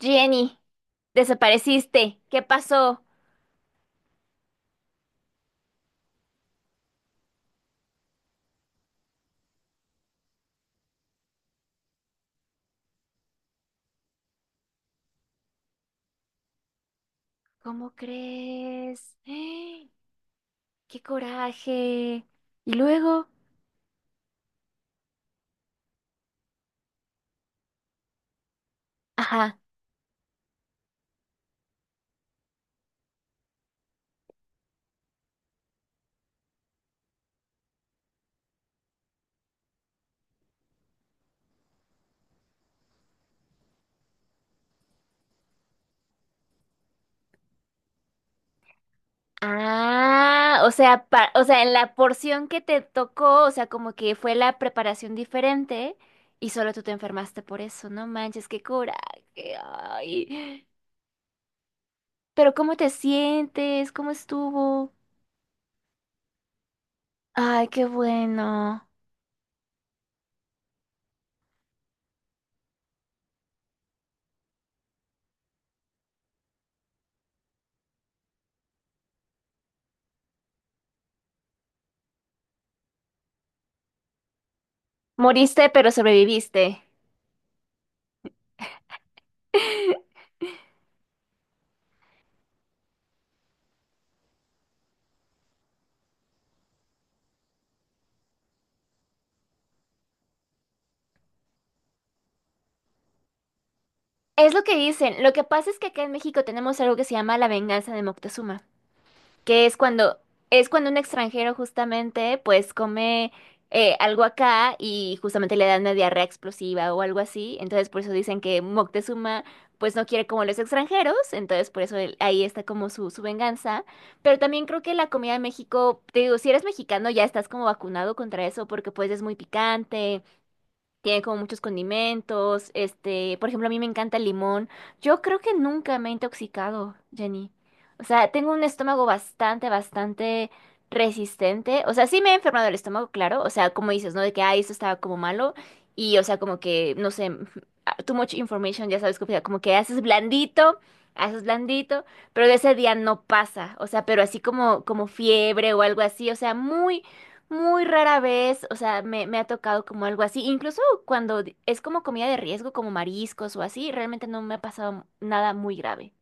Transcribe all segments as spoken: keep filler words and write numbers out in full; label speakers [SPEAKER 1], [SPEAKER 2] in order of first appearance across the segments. [SPEAKER 1] Jenny, desapareciste. ¿Qué pasó? ¿Cómo crees? ¡Eh! ¡Qué coraje! Y luego, ajá. Ah, o sea, pa- o sea, en la porción que te tocó, o sea, como que fue la preparación diferente y solo tú te enfermaste por eso. No manches, qué coraje. Ay. Pero ¿cómo te sientes? ¿Cómo estuvo? Ay, qué bueno. Moriste, pero sobreviviste. Es lo que dicen. Lo que pasa es que acá en México tenemos algo que se llama la venganza de Moctezuma, que es cuando es cuando un extranjero justamente pues come eh, algo acá y justamente le dan una diarrea explosiva o algo así. Entonces por eso dicen que Moctezuma pues no quiere como los extranjeros, entonces por eso él- ahí está como su, su venganza. Pero también creo que la comida de México, te digo, si eres mexicano ya estás como vacunado contra eso porque pues es muy picante. Tiene como muchos condimentos, este, por ejemplo, a mí me encanta el limón. Yo creo que nunca me he intoxicado, Jenny. O sea, tengo un estómago bastante, bastante resistente. O sea, sí me he enfermado el estómago, claro. O sea, como dices, ¿no? De que, ay, esto estaba como malo. Y, o sea, como que, no sé, ah, too much information, ya sabes, como que como que haces blandito, haces blandito, pero de ese día no pasa. O sea, pero así como, como fiebre o algo así. O sea, muy. Muy rara vez, o sea, me, me ha tocado como algo así. Incluso cuando d- es como comida de riesgo, como mariscos o así, realmente no me ha pasado nada muy grave.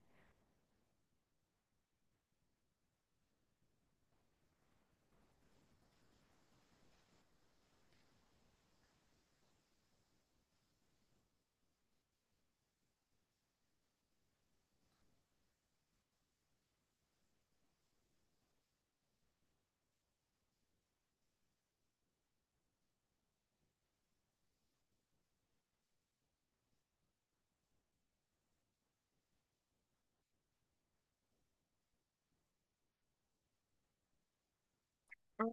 [SPEAKER 1] Ah,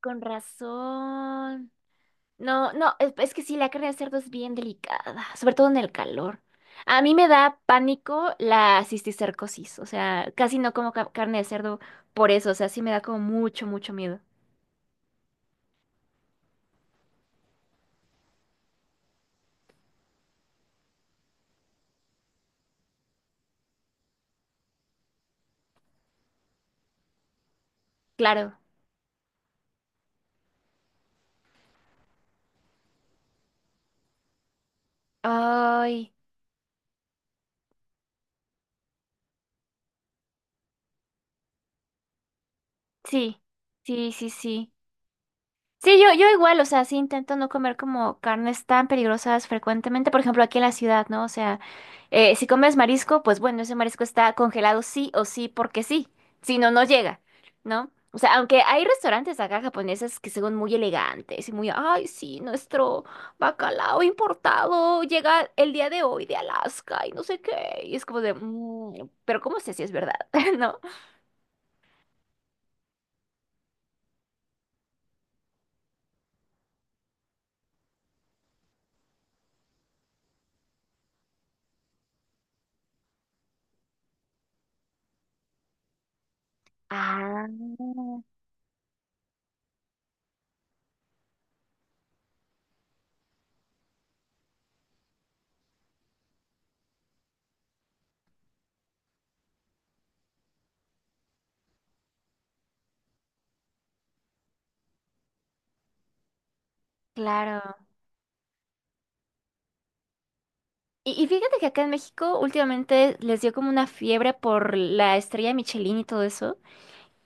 [SPEAKER 1] con razón. No, no, es, es que sí, la carne de cerdo es bien delicada, sobre todo en el calor. A mí me da pánico la cisticercosis, o sea, casi no como ca- carne de cerdo por eso, o sea, sí me da como mucho, mucho miedo. Claro. Ay, sí, sí, sí, sí. Sí, yo, yo igual, o sea, sí intento no comer como carnes tan peligrosas frecuentemente, por ejemplo, aquí en la ciudad, ¿no? O sea, eh, si comes marisco, pues bueno, ese marisco está congelado sí o sí porque sí, si no, no llega, ¿no? O sea, aunque hay restaurantes acá japoneses que son muy elegantes y muy, ay, sí, nuestro bacalao importado llega el día de hoy de Alaska y no sé qué, y es como de, "Mm, pero ¿cómo sé si es verdad? ¿No? Ah, claro. Y, y fíjate que acá en México últimamente les dio como una fiebre por la estrella Michelin y todo eso.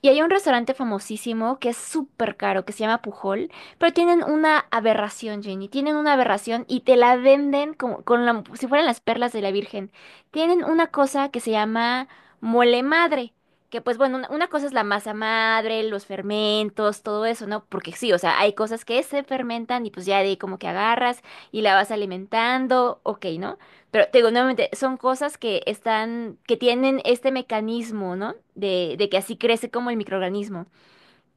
[SPEAKER 1] Y hay un restaurante famosísimo que es súper caro, que se llama Pujol, pero tienen una aberración, Jenny. Tienen una aberración y te la venden como con la- si fueran las perlas de la Virgen. Tienen una cosa que se llama mole madre, que pues bueno, una, una cosa es la masa madre, los fermentos, todo eso, ¿no? Porque sí, o sea, hay cosas que se fermentan y pues ya de ahí como que agarras y la vas alimentando, ok, ¿no? Pero te digo nuevamente, son cosas que están, que tienen este mecanismo, ¿no? De, de que así crece como el microorganismo.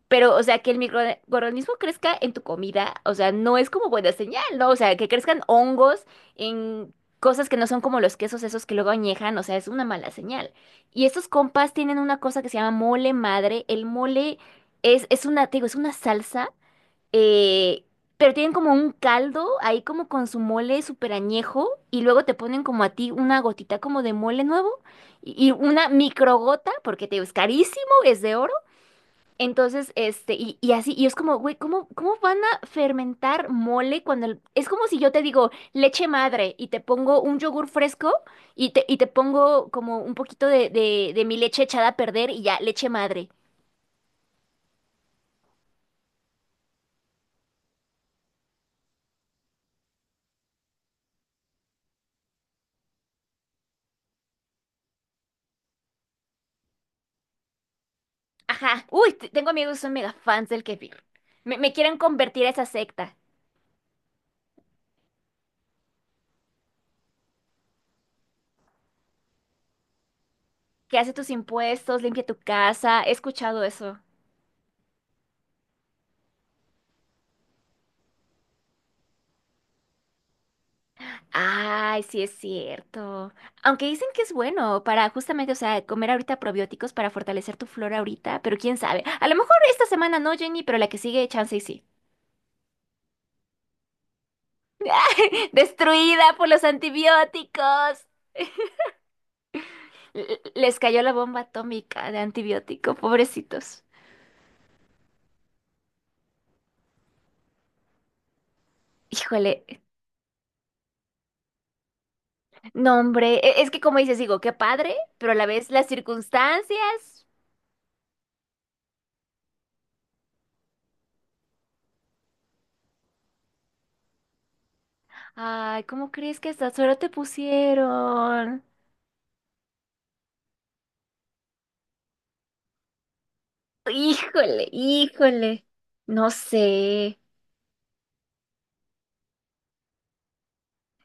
[SPEAKER 1] Pero, o sea, que el microorganismo crezca en tu comida, o sea, no es como buena señal, ¿no? O sea, que crezcan hongos en cosas que no son como los quesos esos que luego añejan, o sea, es una mala señal. Y estos compas tienen una cosa que se llama mole madre. El mole es, es una, te digo, es una salsa eh, pero tienen como un caldo ahí como con su mole súper añejo y luego te ponen como a ti una gotita como de mole nuevo y, y una microgota, porque te digo, es carísimo, es de oro. Entonces, este, y, y así, y es como, güey, ¿cómo, ¿cómo van a fermentar mole cuando el- es como si yo te digo leche madre y te pongo un yogur fresco y te, y te pongo como un poquito de, de, de mi leche echada a perder y ya, leche madre. Ajá. Uy, t- tengo amigos que son mega fans del kefir. Me, me quieren convertir a esa secta que hace tus impuestos, limpia tu casa. He escuchado eso. Ay, sí es cierto. Aunque dicen que es bueno para justamente, o sea, comer ahorita probióticos para fortalecer tu flora ahorita, pero quién sabe. A lo mejor esta semana no, Jenny, pero la que sigue, chance y sí. Destruida por los antibióticos. L- les cayó la bomba atómica de antibiótico, pobrecitos. Híjole. No, hombre, e- es que como dices, digo, qué padre, pero a la vez las circunstancias. Ay, ¿cómo crees que hasta suero te pusieron? Híjole, híjole. No sé.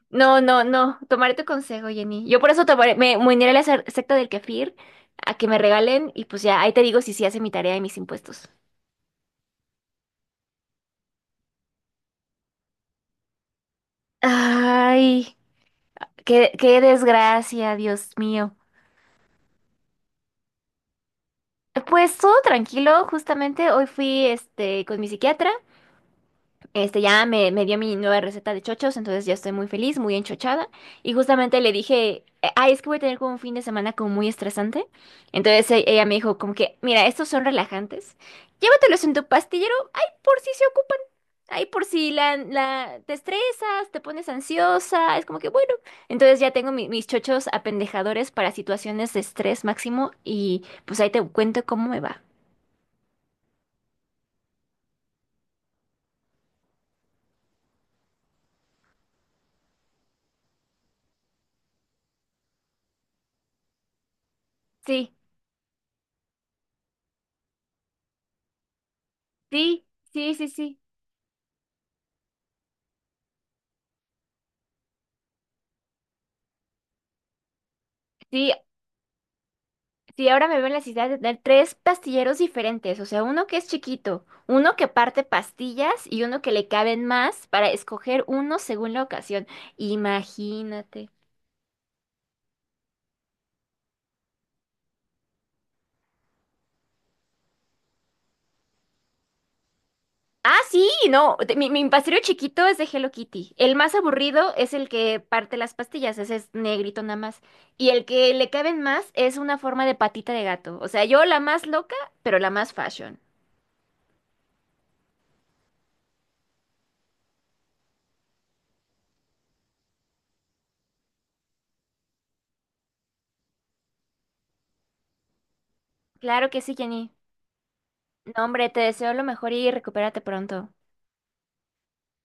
[SPEAKER 1] No, no, no. Tomaré tu consejo, Jenny. Yo por eso tomaré, me, me uniré a la ser- secta del kefir a que me regalen y pues ya, ahí te digo si sí hace mi tarea y mis impuestos. Ay, qué, qué desgracia, Dios mío. Pues todo tranquilo, justamente hoy fui este con mi psiquiatra. Este ya me, me dio mi nueva receta de chochos, entonces ya estoy muy feliz, muy enchochada. Y justamente le dije, eh, ay, es que voy a tener como un fin de semana como muy estresante. Entonces e- ella me dijo como que, mira, estos son relajantes. Llévatelos en tu pastillero, ay, por si se ocupan. Ay, por si la, la, te estresas, te pones ansiosa, es como que bueno. Entonces ya tengo mi- mis chochos apendejadores para situaciones de estrés máximo y pues ahí te cuento cómo me va. Sí, sí, sí, sí, sí. Sí, sí, ahora me veo en la necesidad de tener tres pastilleros diferentes, o sea, uno que es chiquito, uno que parte pastillas y uno que le caben más para escoger uno según la ocasión. Imagínate. Ah, sí, no, de- mi, mi pastillero chiquito es de Hello Kitty. El más aburrido es el que parte las pastillas, ese es negrito nada más. Y el que le caben más es una forma de patita de gato. O sea, yo la más loca, pero la más fashion. Claro que sí, Jenny. No, hombre, te deseo lo mejor y recupérate pronto.